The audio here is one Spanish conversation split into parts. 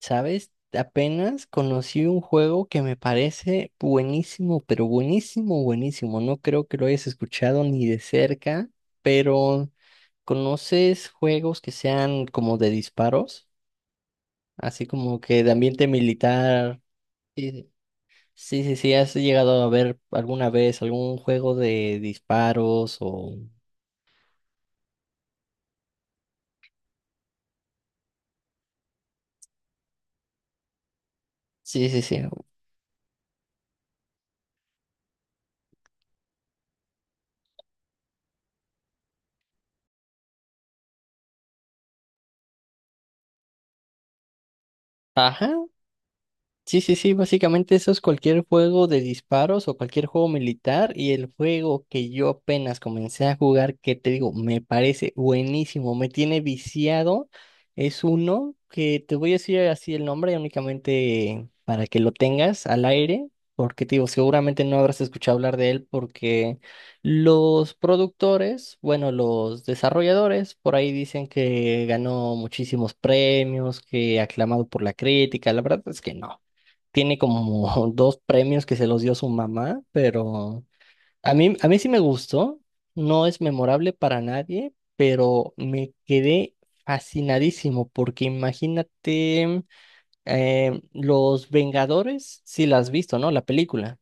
¿Sabes? Apenas conocí un juego que me parece buenísimo, pero buenísimo, buenísimo. No creo que lo hayas escuchado ni de cerca, pero ¿conoces juegos que sean como de disparos? Así como que de ambiente militar. Sí, sí, sí, sí, ¿has llegado a ver alguna vez algún juego de disparos o... Sí, sí, sí. Ajá. Sí, sí, sí, básicamente eso es cualquier juego de disparos o cualquier juego militar y el juego que yo apenas comencé a jugar, que te digo, me parece buenísimo, me tiene viciado, es uno que te voy a decir así el nombre únicamente para que lo tengas al aire, porque te digo, seguramente no habrás escuchado hablar de él porque los productores, bueno, los desarrolladores por ahí dicen que ganó muchísimos premios, que aclamado por la crítica, la verdad es que no tiene como dos premios que se los dio su mamá, pero a mí sí me gustó, no es memorable para nadie, pero me quedé fascinadísimo porque imagínate Los Vengadores, si la has visto, ¿no? La película.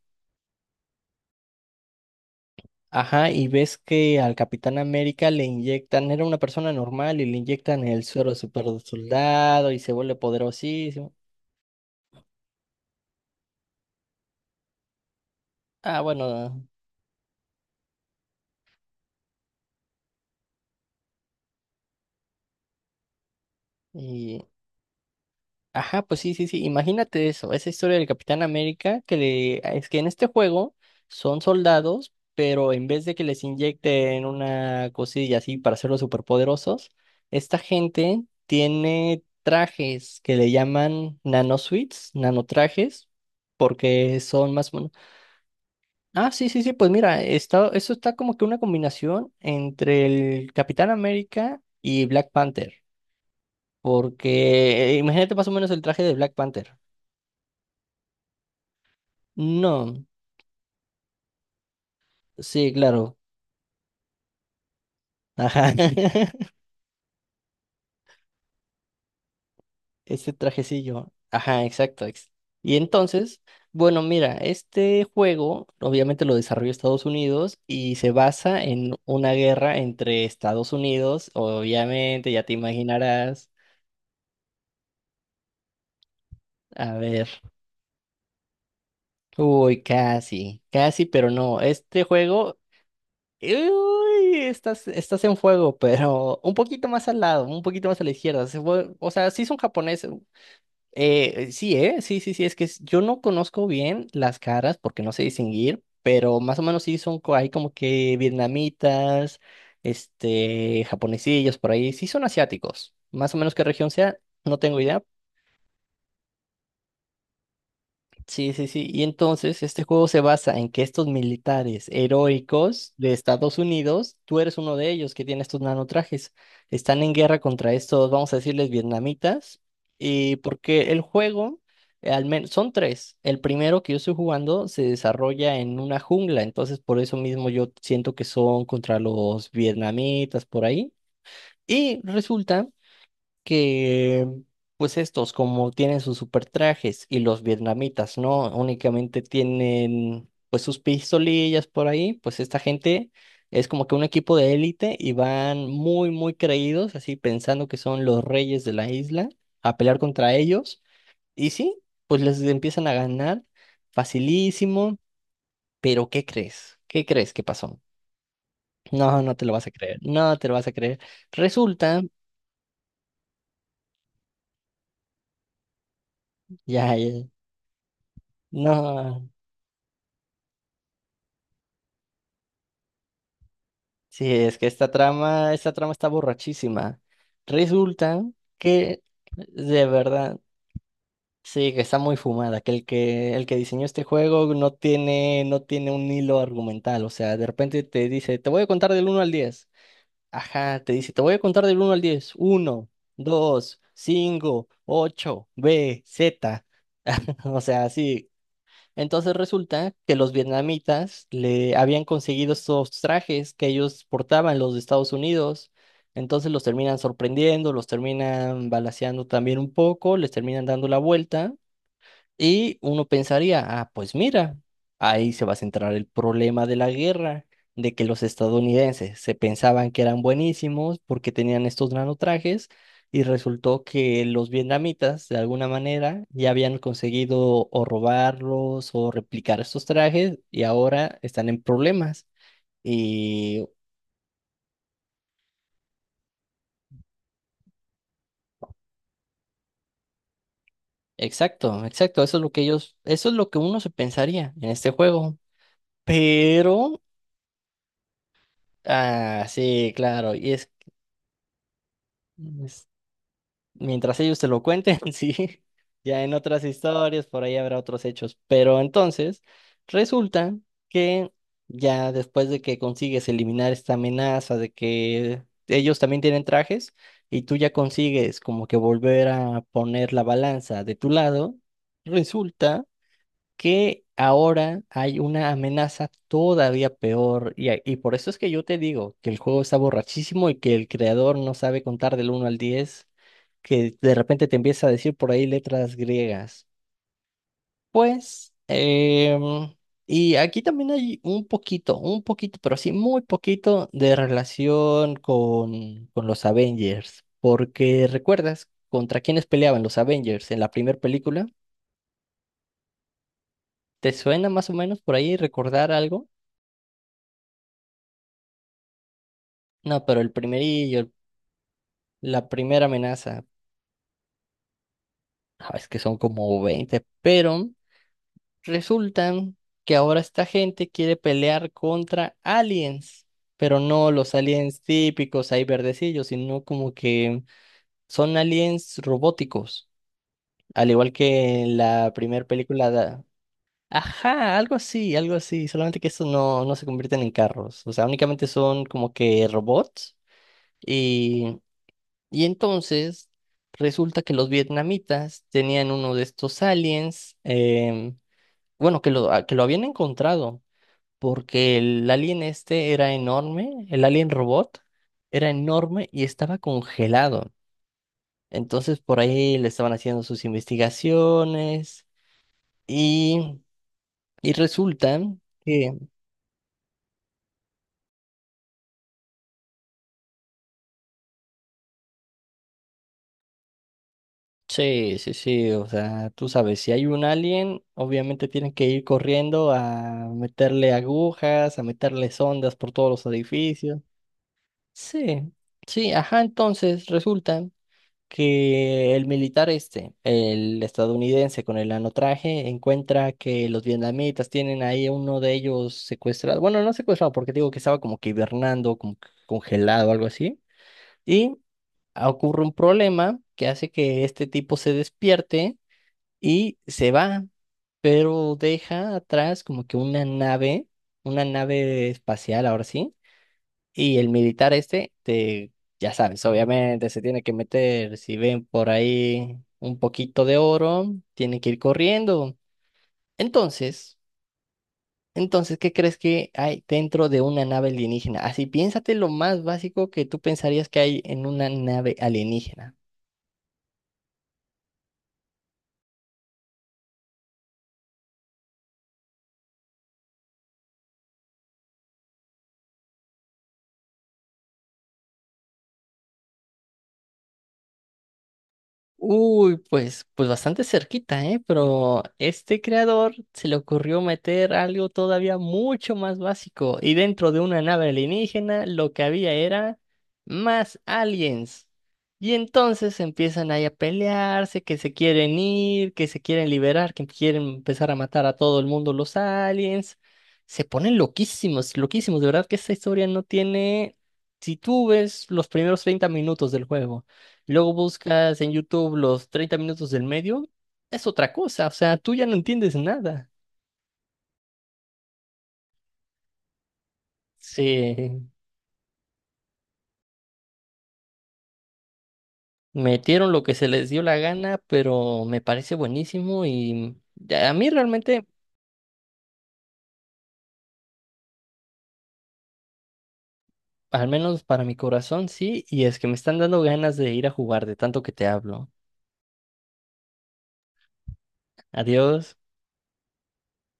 Ajá, y ves que al Capitán América le inyectan, era una persona normal y le inyectan el suero de super soldado y se vuelve poderosísimo. Ah, bueno, y Ajá, pues sí, sí, sí. Imagínate eso, esa historia del Capitán América, es que en este juego son soldados, pero en vez de que les inyecten una cosilla así para hacerlos superpoderosos, esta gente tiene trajes que le llaman nanosuits, nanotrajes, porque son más. Ah, sí, sí, sí, pues mira, eso está como que una combinación entre el Capitán América y Black Panther, porque imagínate más o menos el traje de Black Panther. No, sí, claro. Ajá. Ese trajecillo. Ajá, exacto. Y entonces, bueno, mira, este juego obviamente lo desarrolló Estados Unidos y se basa en una guerra entre Estados Unidos, obviamente, ya te imaginarás. A ver. Uy, casi, casi, pero no. Este juego, uy, estás en fuego, pero un poquito más al lado, un poquito más a la izquierda. O sea, sí son japoneses. Sí, ¿eh? Sí, sí, sí, yo no conozco bien las caras porque no sé distinguir, pero más o menos sí son, hay como que vietnamitas, este, japonesillos por ahí, sí son asiáticos, más o menos qué región sea, no tengo idea. Sí, sí, sí. Y entonces este juego se basa en que estos militares heroicos de Estados Unidos, tú eres uno de ellos que tiene estos nanotrajes, están en guerra contra estos, vamos a decirles, vietnamitas. Y porque el juego, al menos, son tres. El primero que yo estoy jugando se desarrolla en una jungla, entonces por eso mismo yo siento que son contra los vietnamitas por ahí. Y resulta que pues estos como tienen sus super trajes y los vietnamitas no únicamente tienen pues sus pistolillas por ahí, pues esta gente es como que un equipo de élite y van muy muy creídos, así pensando que son los reyes de la isla a pelear contra ellos y sí, pues les empiezan a ganar facilísimo, pero ¿qué crees? ¿Qué crees que pasó? No, no te lo vas a creer, no te lo vas a creer. Resulta, ya, ya, no. Sí, es que esta trama está borrachísima. Resulta que de verdad, sí, que está muy fumada, que el que diseñó este juego no tiene un hilo argumental, o sea, de repente te dice, "Te voy a contar del 1 al 10. Ajá, te dice, "Te voy a contar del uno al diez. Uno, dos, cinco, ocho, B, Z. O sea, sí, entonces resulta que los vietnamitas le habían conseguido estos trajes que ellos portaban los de Estados Unidos. Entonces los terminan sorprendiendo, los terminan balaceando también un poco, les terminan dando la vuelta. Y uno pensaría, ah, pues mira, ahí se va a centrar el problema de la guerra, de que los estadounidenses se pensaban que eran buenísimos porque tenían estos nanotrajes y resultó que los vietnamitas, de alguna manera, ya habían conseguido o robarlos o replicar estos trajes y ahora están en problemas. Y exacto, exacto, eso es lo que ellos, eso es lo que uno se pensaría en este juego. Pero, ah, sí, claro, y es. Mientras ellos te lo cuenten, sí, ya en otras historias por ahí habrá otros hechos. Pero entonces, resulta que ya después de que consigues eliminar esta amenaza de que ellos también tienen trajes y tú ya consigues como que volver a poner la balanza de tu lado, resulta que ahora hay una amenaza todavía peor y por eso es que yo te digo que el juego está borrachísimo y que el creador no sabe contar del uno al 10 que de repente te empieza a decir por ahí letras griegas. Pues, em, y aquí también hay un poquito, pero sí muy poquito de relación con, los Avengers, porque recuerdas contra quiénes peleaban los Avengers en la primera película. ¿Te suena más o menos por ahí recordar algo? No, pero la primera amenaza, ah, es que son como 20, pero resultan que ahora esta gente quiere pelear contra aliens, pero no los aliens típicos ahí verdecillos, sino como que son aliens robóticos, al igual que en la primera película Ajá, algo así, solamente que estos no, no se convierten en carros, o sea, únicamente son como que robots. Y entonces resulta que los vietnamitas tenían uno de estos aliens, bueno, que lo habían encontrado, porque el alien este era enorme, el alien robot era enorme y estaba congelado. Entonces por ahí le estaban haciendo sus investigaciones y, y resulta que sí, sí, sí, o sea, tú sabes, si hay un alien, obviamente tienen que ir corriendo a meterle agujas, a meterle sondas por todos los edificios. Sí, sí, ajá, entonces resulta que el militar este, el estadounidense con el anotraje, encuentra que los vietnamitas tienen ahí a uno de ellos secuestrado, bueno, no secuestrado, porque digo que estaba como que hibernando, como que congelado, algo así, y ocurre un problema que hace que este tipo se despierte y se va, pero deja atrás como que una nave espacial, ahora sí, y el militar este, ya sabes, obviamente se tiene que meter, si ven por ahí un poquito de oro, tiene que ir corriendo. Entonces, ¿qué crees que hay dentro de una nave alienígena? Así, piénsate lo más básico que tú pensarías que hay en una nave alienígena. Uy, pues, pues bastante cerquita, ¿eh? Pero este creador se le ocurrió meter algo todavía mucho más básico. Y dentro de una nave alienígena, lo que había era más aliens. Y entonces empiezan ahí a pelearse, que se quieren ir, que se quieren liberar, que quieren empezar a matar a todo el mundo los aliens. Se ponen loquísimos, loquísimos. De verdad que esta historia no tiene. Si tú ves los primeros 30 minutos del juego. Luego buscas en YouTube los 30 minutos del medio, es otra cosa, o sea, tú ya no entiendes nada. Se metieron lo que se les dio la gana, pero me parece buenísimo y a mí realmente, al menos para mi corazón, sí, y es que me están dando ganas de ir a jugar de tanto que te hablo. Adiós.